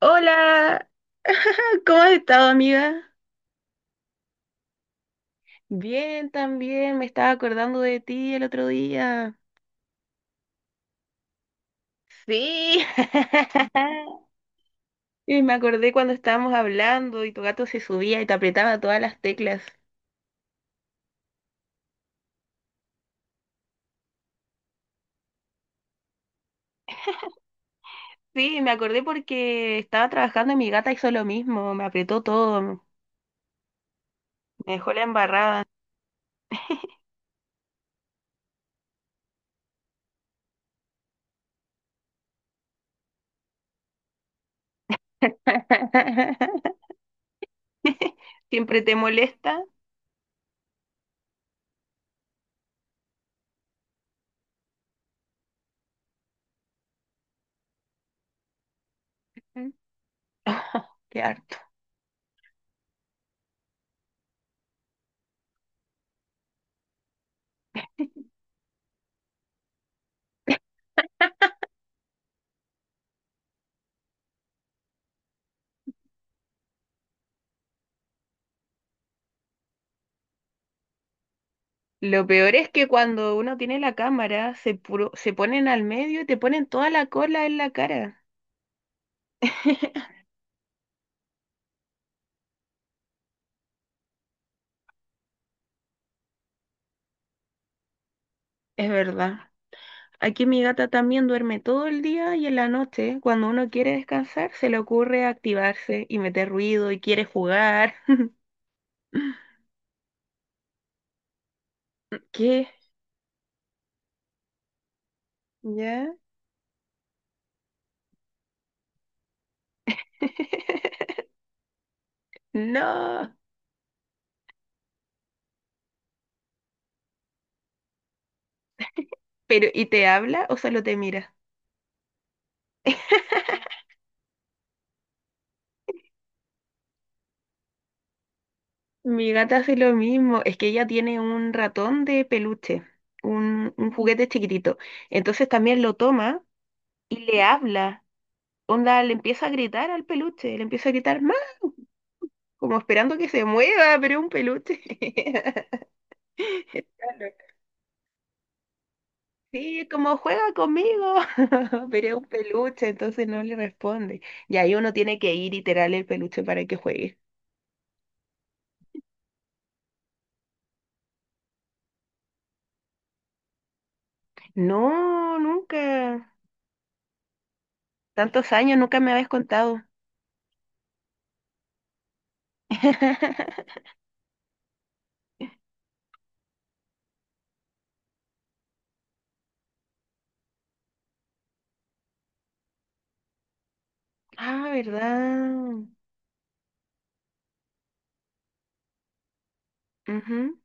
Hola, ¿cómo has estado, amiga? Bien, también, me estaba acordando de ti el otro día. Sí. Y me acordé cuando estábamos hablando y tu gato se subía y te apretaba todas las teclas. Sí, me acordé porque estaba trabajando y mi gata hizo lo mismo, me apretó todo, me dejó la embarrada. ¿Siempre te molesta? Mm. Qué harto. Lo peor es que cuando uno tiene la cámara, se ponen al medio y te ponen toda la cola en la cara. Es verdad. Aquí mi gata también duerme todo el día y en la noche, cuando uno quiere descansar, se le ocurre activarse y meter ruido y quiere jugar. ¿Qué? ¿Ya? No. Pero, ¿y te habla o solo te mira? Mi gata hace lo mismo, es que ella tiene un ratón de peluche, un juguete chiquitito. Entonces también lo toma y le habla. Onda, le empieza a gritar al peluche, le empieza a gritar más, como esperando que se mueva, pero es un peluche. Está loca. Sí, como juega conmigo, pero es un peluche, entonces no le responde. Y ahí uno tiene que ir y tirarle el peluche para que juegue. No, nunca. Tantos años, nunca me habías contado. Ah, ¿verdad? Ujú.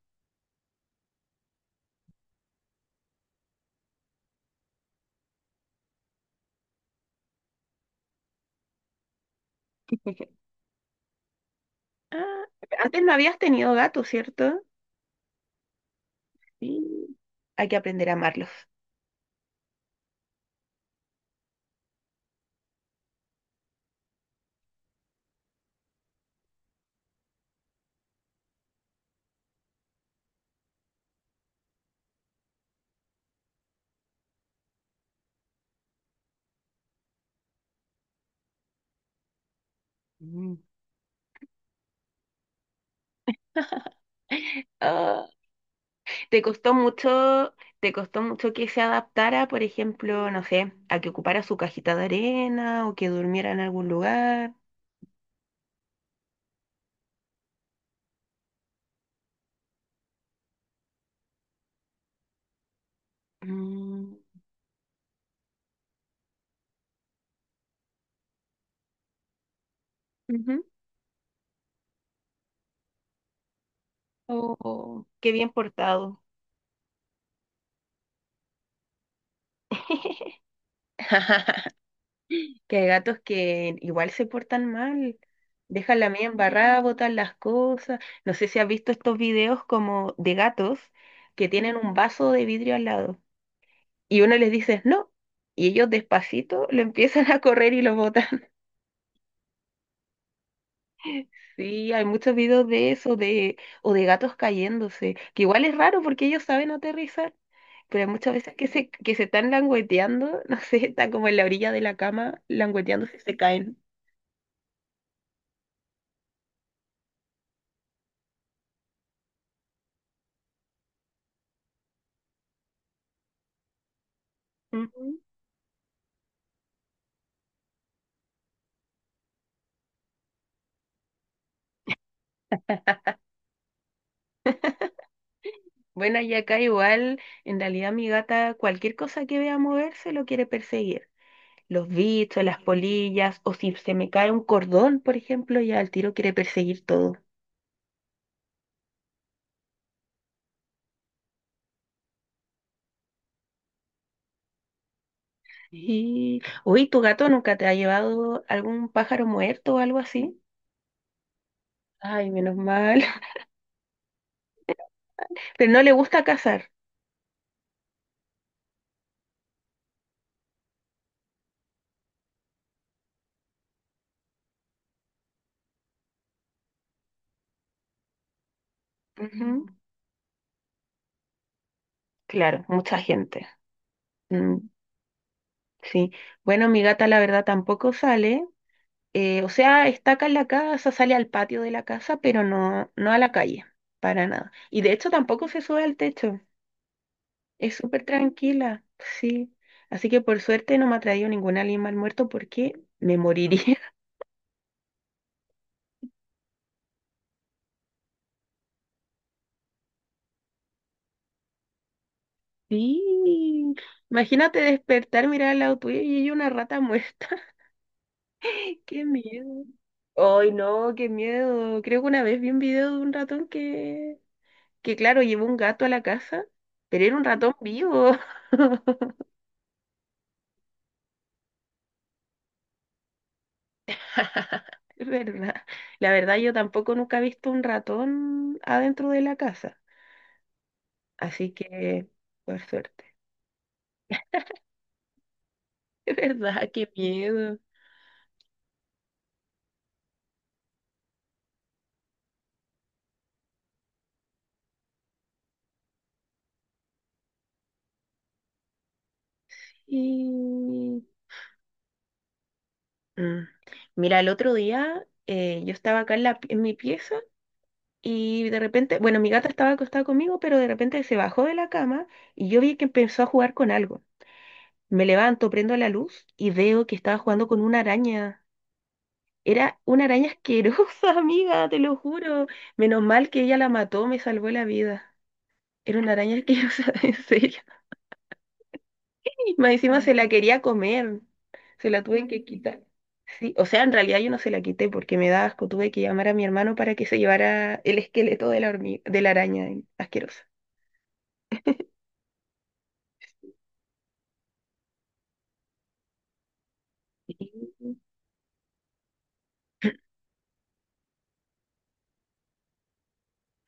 Ah, antes no habías tenido gatos, ¿cierto? Sí. Hay que aprender a amarlos. Mm. Ah, ¿te costó mucho, te costó mucho que se adaptara, por ejemplo, no sé, a que ocupara su cajita de arena o que durmiera en algún lugar? Mm, ujú. Oh, qué bien portado. Que hay gatos que igual se portan mal. Dejan la media embarrada, botan las cosas. No sé si has visto estos videos como de gatos que tienen un vaso de vidrio al lado. Y uno les dice no. Y ellos despacito lo empiezan a correr y lo botan. Sí, hay muchos videos de eso, de, o de gatos cayéndose, que igual es raro porque ellos saben aterrizar, pero hay muchas veces que se están langueteando, no sé, están como en la orilla de la cama langueteándose y se caen. Ujú. Bueno, y acá igual, en realidad mi gata, cualquier cosa que vea moverse lo quiere perseguir. Los bichos, las polillas, o si se me cae un cordón, por ejemplo, ya al tiro quiere perseguir todo. Y, uy, ¿tu gato nunca te ha llevado algún pájaro muerto o algo así? Ay, menos mal. Pero no le gusta cazar. Ujú. Claro, mucha gente. Mm, sí. Bueno, mi gata la verdad tampoco sale. O sea, está acá en la casa, sale al patio de la casa, pero no, no a la calle, para nada. Y de hecho tampoco se sube al techo. Es súper tranquila, sí. Así que por suerte no me ha traído ningún animal muerto porque me moriría. Sí. Imagínate despertar, mirar al lado tuyo y hay una rata muerta. Qué miedo. Ay, no, qué miedo. Creo que una vez vi un video de un ratón que claro, llevó un gato a la casa, pero era un ratón vivo. Es verdad. La verdad, yo tampoco nunca he visto un ratón adentro de la casa. Así que, por suerte. Es verdad, qué miedo. Y... mm. Mira, el otro día yo estaba acá en, en mi pieza. Y de repente, bueno, mi gata estaba acostada conmigo, pero de repente se bajó de la cama y yo vi que empezó a jugar con algo. Me levanto, prendo la luz y veo que estaba jugando con una araña. Era una araña asquerosa, amiga, te lo juro. Menos mal que ella la mató, me salvó la vida. Era una araña asquerosa, en serio. Y más encima se la quería comer. Se la tuve que quitar. Sí, o sea, en realidad yo no se la quité porque me da asco. Tuve que llamar a mi hermano para que se llevara el esqueleto de la hormiga, de la araña asquerosa. Sí.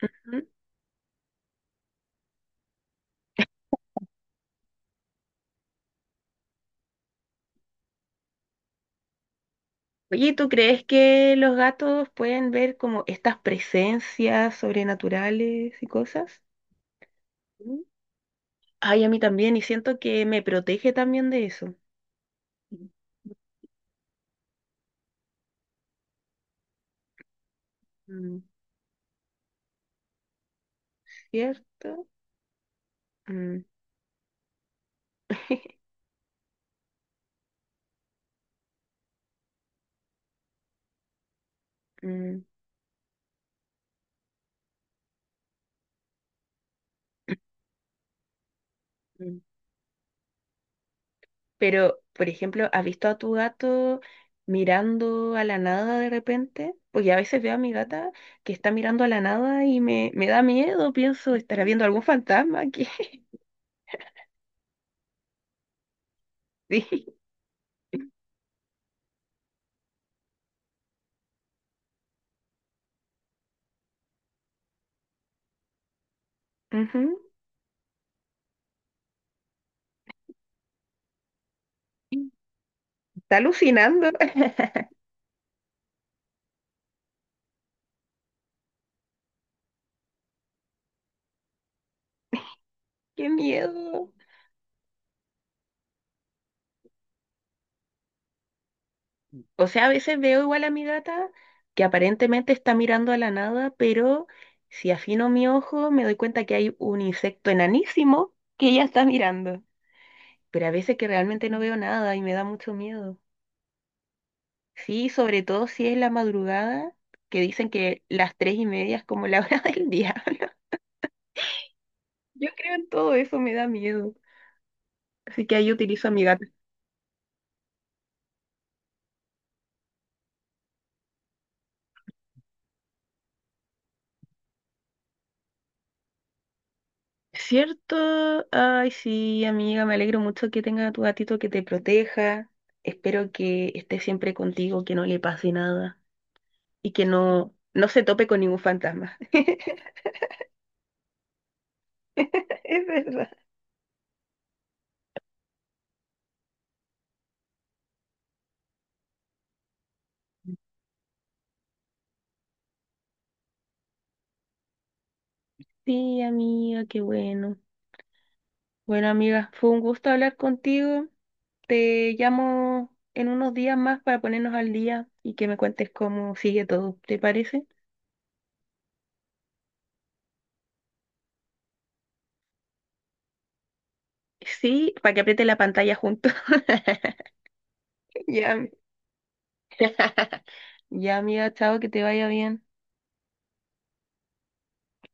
Mm. Oye, ¿tú crees que los gatos pueden ver como estas presencias sobrenaturales y cosas? Mm. Ay, a mí también, y siento que me protege también de eso. Mm, ¿cierto? Mm, mm, mm. Pero, por ejemplo, ¿has visto a tu gato mirando a la nada de repente? Porque a veces veo a mi gata que está mirando a la nada y me da miedo, pienso, ¿estará viendo algún fantasma aquí? Sí. Ujú. Está alucinando. Qué miedo. O sea, a veces veo igual a mi gata que aparentemente está mirando a la nada, pero si afino mi ojo me doy cuenta que hay un insecto enanísimo que ella está mirando. Pero a veces que realmente no veo nada y me da mucho miedo. Sí, sobre todo si es la madrugada, que dicen que las 3:30 es como la hora del diablo. Yo creo en todo eso, me da miedo. Así que ahí utilizo a mi gata. ¿Cierto? Ay, sí, amiga, me alegro mucho que tenga a tu gatito que te proteja. Espero que esté siempre contigo, que no le pase nada y que no, no se tope con ningún fantasma. Es verdad. Sí, amiga, qué bueno. Bueno, amiga, fue un gusto hablar contigo. Te llamo en unos días más para ponernos al día y que me cuentes cómo sigue todo, ¿te parece? Sí, para que apriete la pantalla juntos. Ya. Ya, amiga, chao, que te vaya bien.